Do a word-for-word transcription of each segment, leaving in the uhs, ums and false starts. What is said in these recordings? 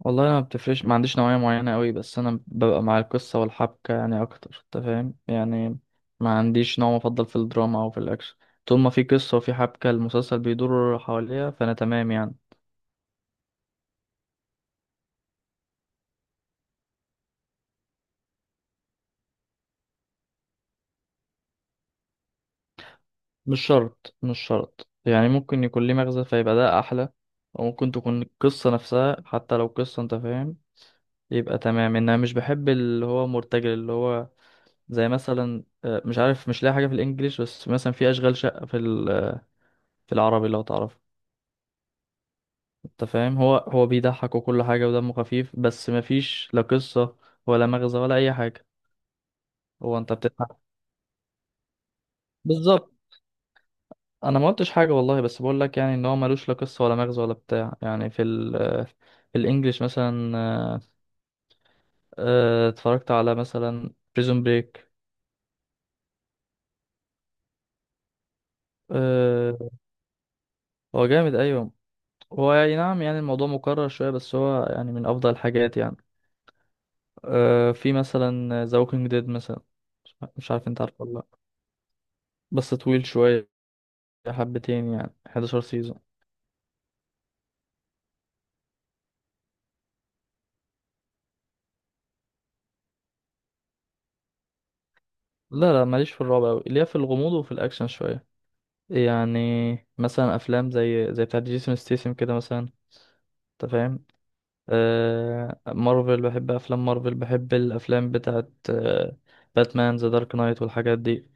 والله انا ما بتفرقش، ما عنديش نوعيه معينه قوي، بس انا ببقى مع القصه والحبكه يعني اكتر، انت فاهم يعني. ما عنديش نوع مفضل في الدراما او في الاكشن. طول ما في قصه وفي حبكه المسلسل بيدور حواليها، فانا تمام يعني. مش شرط مش شرط يعني، ممكن يكون ليه مغزى فيبقى ده احلى، وممكن تكون القصه نفسها حتى لو قصه، انت فاهم، يبقى تمام. ان انا مش بحب اللي هو مرتجل، اللي هو زي مثلا آه، مش عارف، مش لاقي حاجه في الانجليش، بس مثلا في اشغال شقه في ال- في العربي لو تعرف. انت فاهم، هو هو بيضحك وكل حاجة ودمه خفيف، بس مفيش لا قصة ولا مغزى ولا أي حاجة. هو أنت بتضحك. بالظبط. أنا ما قلتش حاجة والله، بس بقول لك يعني إن هو ملوش لا قصة ولا مغزى ولا بتاع يعني. في ال، في الإنجليش مثلا آه، آه، اتفرجت على مثلا بريزون بريك. هو جامد، أيوه. هو يعني، نعم يعني الموضوع مكرر شوية، بس هو يعني من أفضل الحاجات يعني. آه، في مثلا ذا ووكينج ديد مثلا. مش عارف أنت عارفه ولا لأ. بس طويل شوية، حبتين يعني، 11 سيزون. لا لا، ماليش في الرعب أوي، ليا في الغموض وفي الأكشن شوية يعني. مثلا أفلام زي زي بتاعت جيسون ستيسم كده مثلا، أنت فاهم. آه مارفل، بحب أفلام مارفل، بحب الأفلام بتاعت آه باتمان ذا دارك نايت والحاجات دي.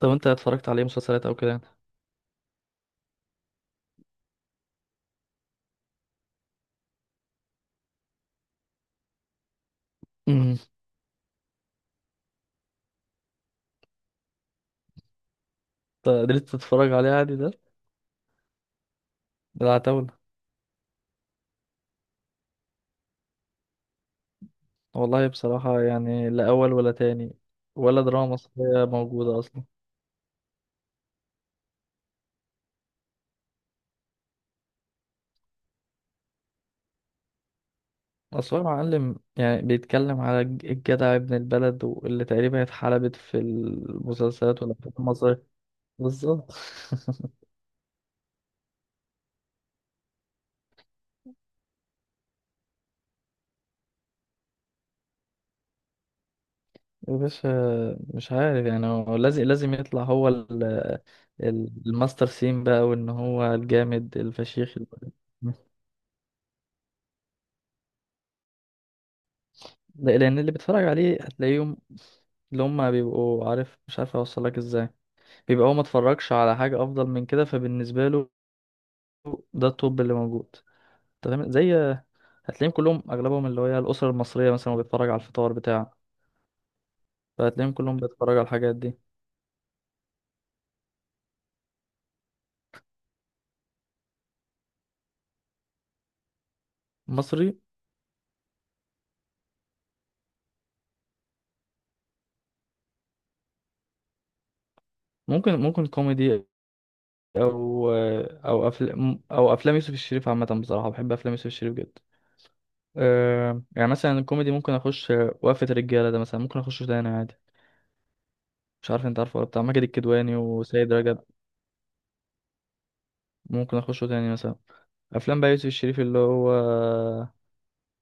طب أنت اتفرجت عليه مسلسلات أو كده؟ أمم، ط- قدرت تتفرج عليه عادي ده؟ ده العتاولة. والله بصراحة يعني لا أول ولا تاني، ولا دراما مصرية موجودة أصلا. أصل هو معلم، يعني بيتكلم على الج- الجدع ابن البلد، واللي تقريبا اتحلبت في المسلسلات والأفلام المصرية. بالظبط. يا باشا، مش عارف يعني، هو لازم لازم يطلع هو ال- ال- الماستر سين بقى، وإن هو الجامد الفشيخ ال. لا- لأن اللي بيتفرج عليه هتلاقيهم، اللي هما بيبقوا، عارف، مش عارف أوصلك إزاي، بيبقى هو متفرجش على حاجة أفضل من كده، فبالنسبة له ده الطب اللي موجود. تمام، زي، هتلاقيهم كلهم اغلبهم اللي هي الاسر المصريه مثلا، وبيتفرج على الفطار بتاع، فهتلاقيهم كلهم بيتفرج على الحاجات دي. مصري؟ ممكن، ممكن كوميدي، او او افلام او افلام يوسف الشريف عامه، بصراحه بحب افلام يوسف الشريف جدا. أه يعني مثلا الكوميدي ممكن اخش، وقفه الرجاله ده مثلا ممكن اخشه تاني عادي. مش عارف انت عارفه ولا بتاع ماجد الكدواني وسيد رجب؟ ممكن اخشه تاني مثلا. افلام بقى يوسف الشريف اللي هو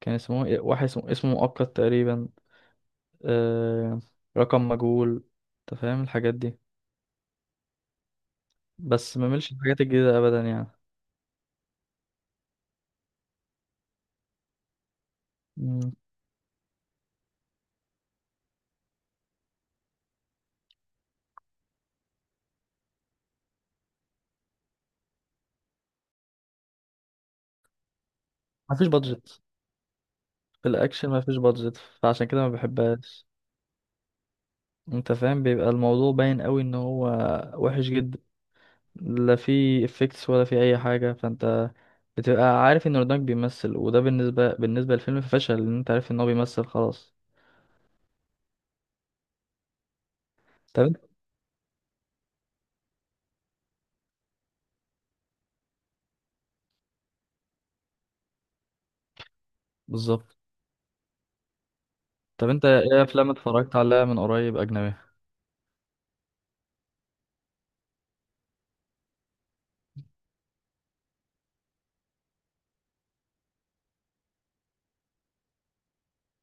كان اسمه إيه؟ واحد اسمه اسمه مؤقت تقريبا. أه. رقم مجهول. انت فاهم الحاجات دي. بس ما ملش الحاجات الجديدة ابدا يعني. مم. مفيش بادجت، في الاكشن مفيش بادجت، فعشان كده ما بحبهاش. انت فاهم، بيبقى الموضوع باين قوي ان هو وحش جدا. لا في افكتس ولا في اي حاجة، فانت بتبقى عارف ان رودانك بيمثل، وده بالنسبة بالنسبة للفيلم فشل، ان انت عارف ان هو بيمثل خلاص. طب انت. بالظبط. طب انت ايه افلام اتفرجت عليها من قريب اجنبية؟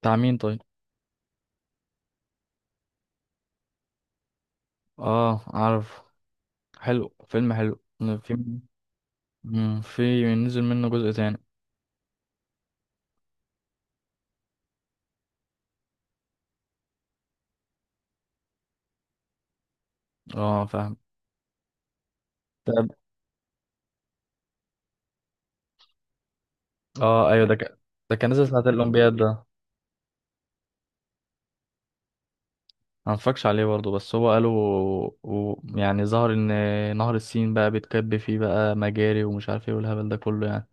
بتاع مين طيب؟ اه عارف، حلو، فيلم حلو. في، مم، في نزل منه جزء تاني. اه فاهم. طب. اه ايوه، ده كان ده كان نزل ساعة الأولمبياد ده. ما اتفرجش عليه برضه، بس هو قالوا و... يعني ظهر ان نهر السين بقى بيتكب فيه بقى مجاري ومش عارف ايه والهبل ده كله يعني.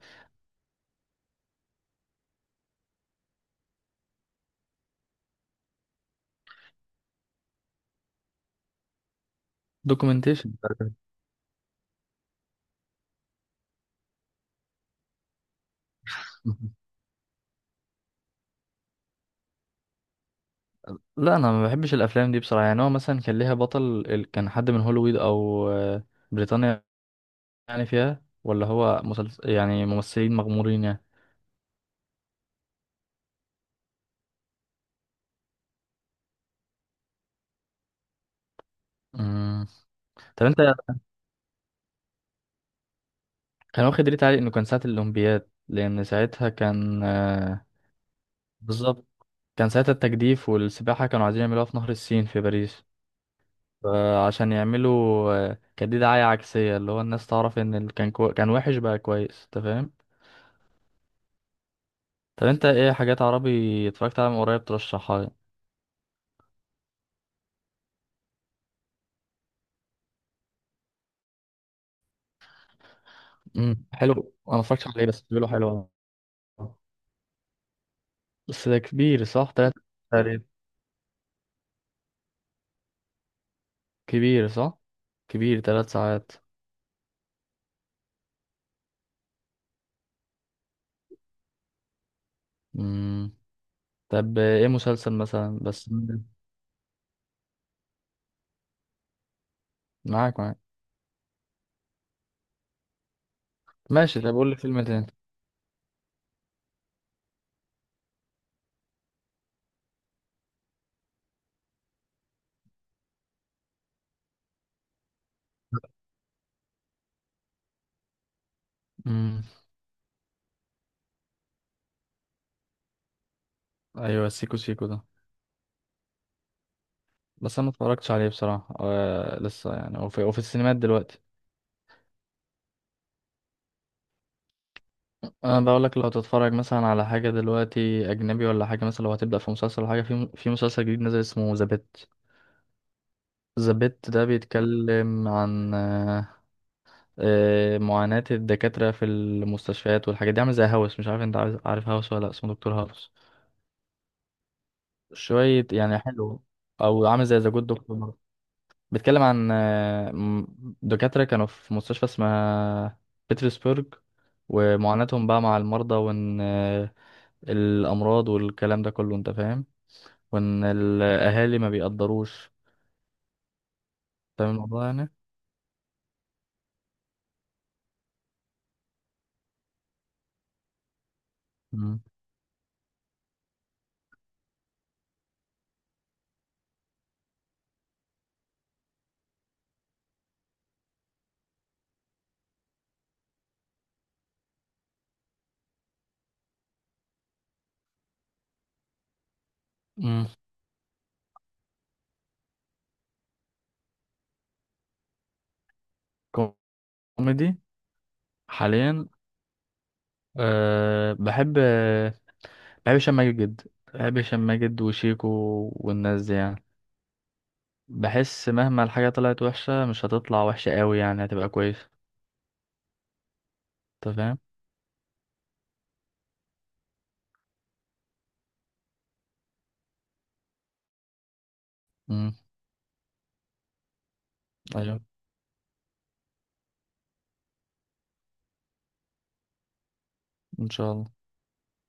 دوكيومنتيشن. لا انا ما بحبش الافلام دي بصراحه، يعني هو مثلا كان ليها بطل، ال- كان حد من هوليوود او آه، بريطانيا يعني فيها؟ ولا هو مسلسل يعني ممثلين مغمورين يعني؟ مم. طب انت، كان واخد ريت عالي انه كان ساعه الاولمبياد، لان ساعتها كان، بالظبط، كان ساعتها التجديف والسباحة كانوا عايزين يعملوها في نهر السين في باريس، فعشان يعملوا آه، كان دي دعاية عكسية، اللي هو الناس تعرف ان اللي كان كو... كان وحش، بقى كويس، انت فاهم. طب انت ايه حاجات عربي اتفرجت عليها من قريب ترشحها لي؟ امم حلو، انا ما اتفرجتش عليه بس بيقولوا حلو. بس ده كبير، صح، تلات تقريبا. كبير صح، كبير تلات ساعات. امم. طب ايه مسلسل مثلا، بس. معاك معاك. ماشي، طب قول لي فيلم تاني. امم. ايوه سيكو، سيكو ده، بس انا ما اتفرجتش عليه بصراحه، آه لسه يعني. وفي وفي السينمات دلوقتي. انا بقول لك، لو تتفرج مثلا على حاجه دلوقتي اجنبي ولا حاجه، مثلا لو هتبدا في مسلسل ولا حاجه، في في مسلسل جديد نزل اسمه ذا بيت. ذا بيت ده بيتكلم عن آه، آه، معاناة الدكاترة في المستشفيات والحاجات دي، عامل زي هاوس، مش عارف انت عاوز- عارف هاوس ولا لأ، اسمه دكتور هاوس، شوية يعني حلو. او عامل زي ذا جود دكتور. بيتكلم عن آه، م- دكاترة كانوا في مستشفى اسمها بيترسبرج، ومعاناتهم بقى مع المرضى، وإن آه، الأمراض والكلام ده كله أنت فاهم، وإن الأهالي ما بيقدروش، فاهم الموضوع يعني. مم. مم. كوميدي حاليا، أه بحب آه، بحب هشام ماجد جدا، بحب هشام ماجد وشيكو والناس دي يعني. بحس مهما الحاجة طلعت وحشة مش هتطلع وحشة قوي يعني، هتبقى كويسة. أنت فاهم؟ مم. أيوه، إن شاء الله.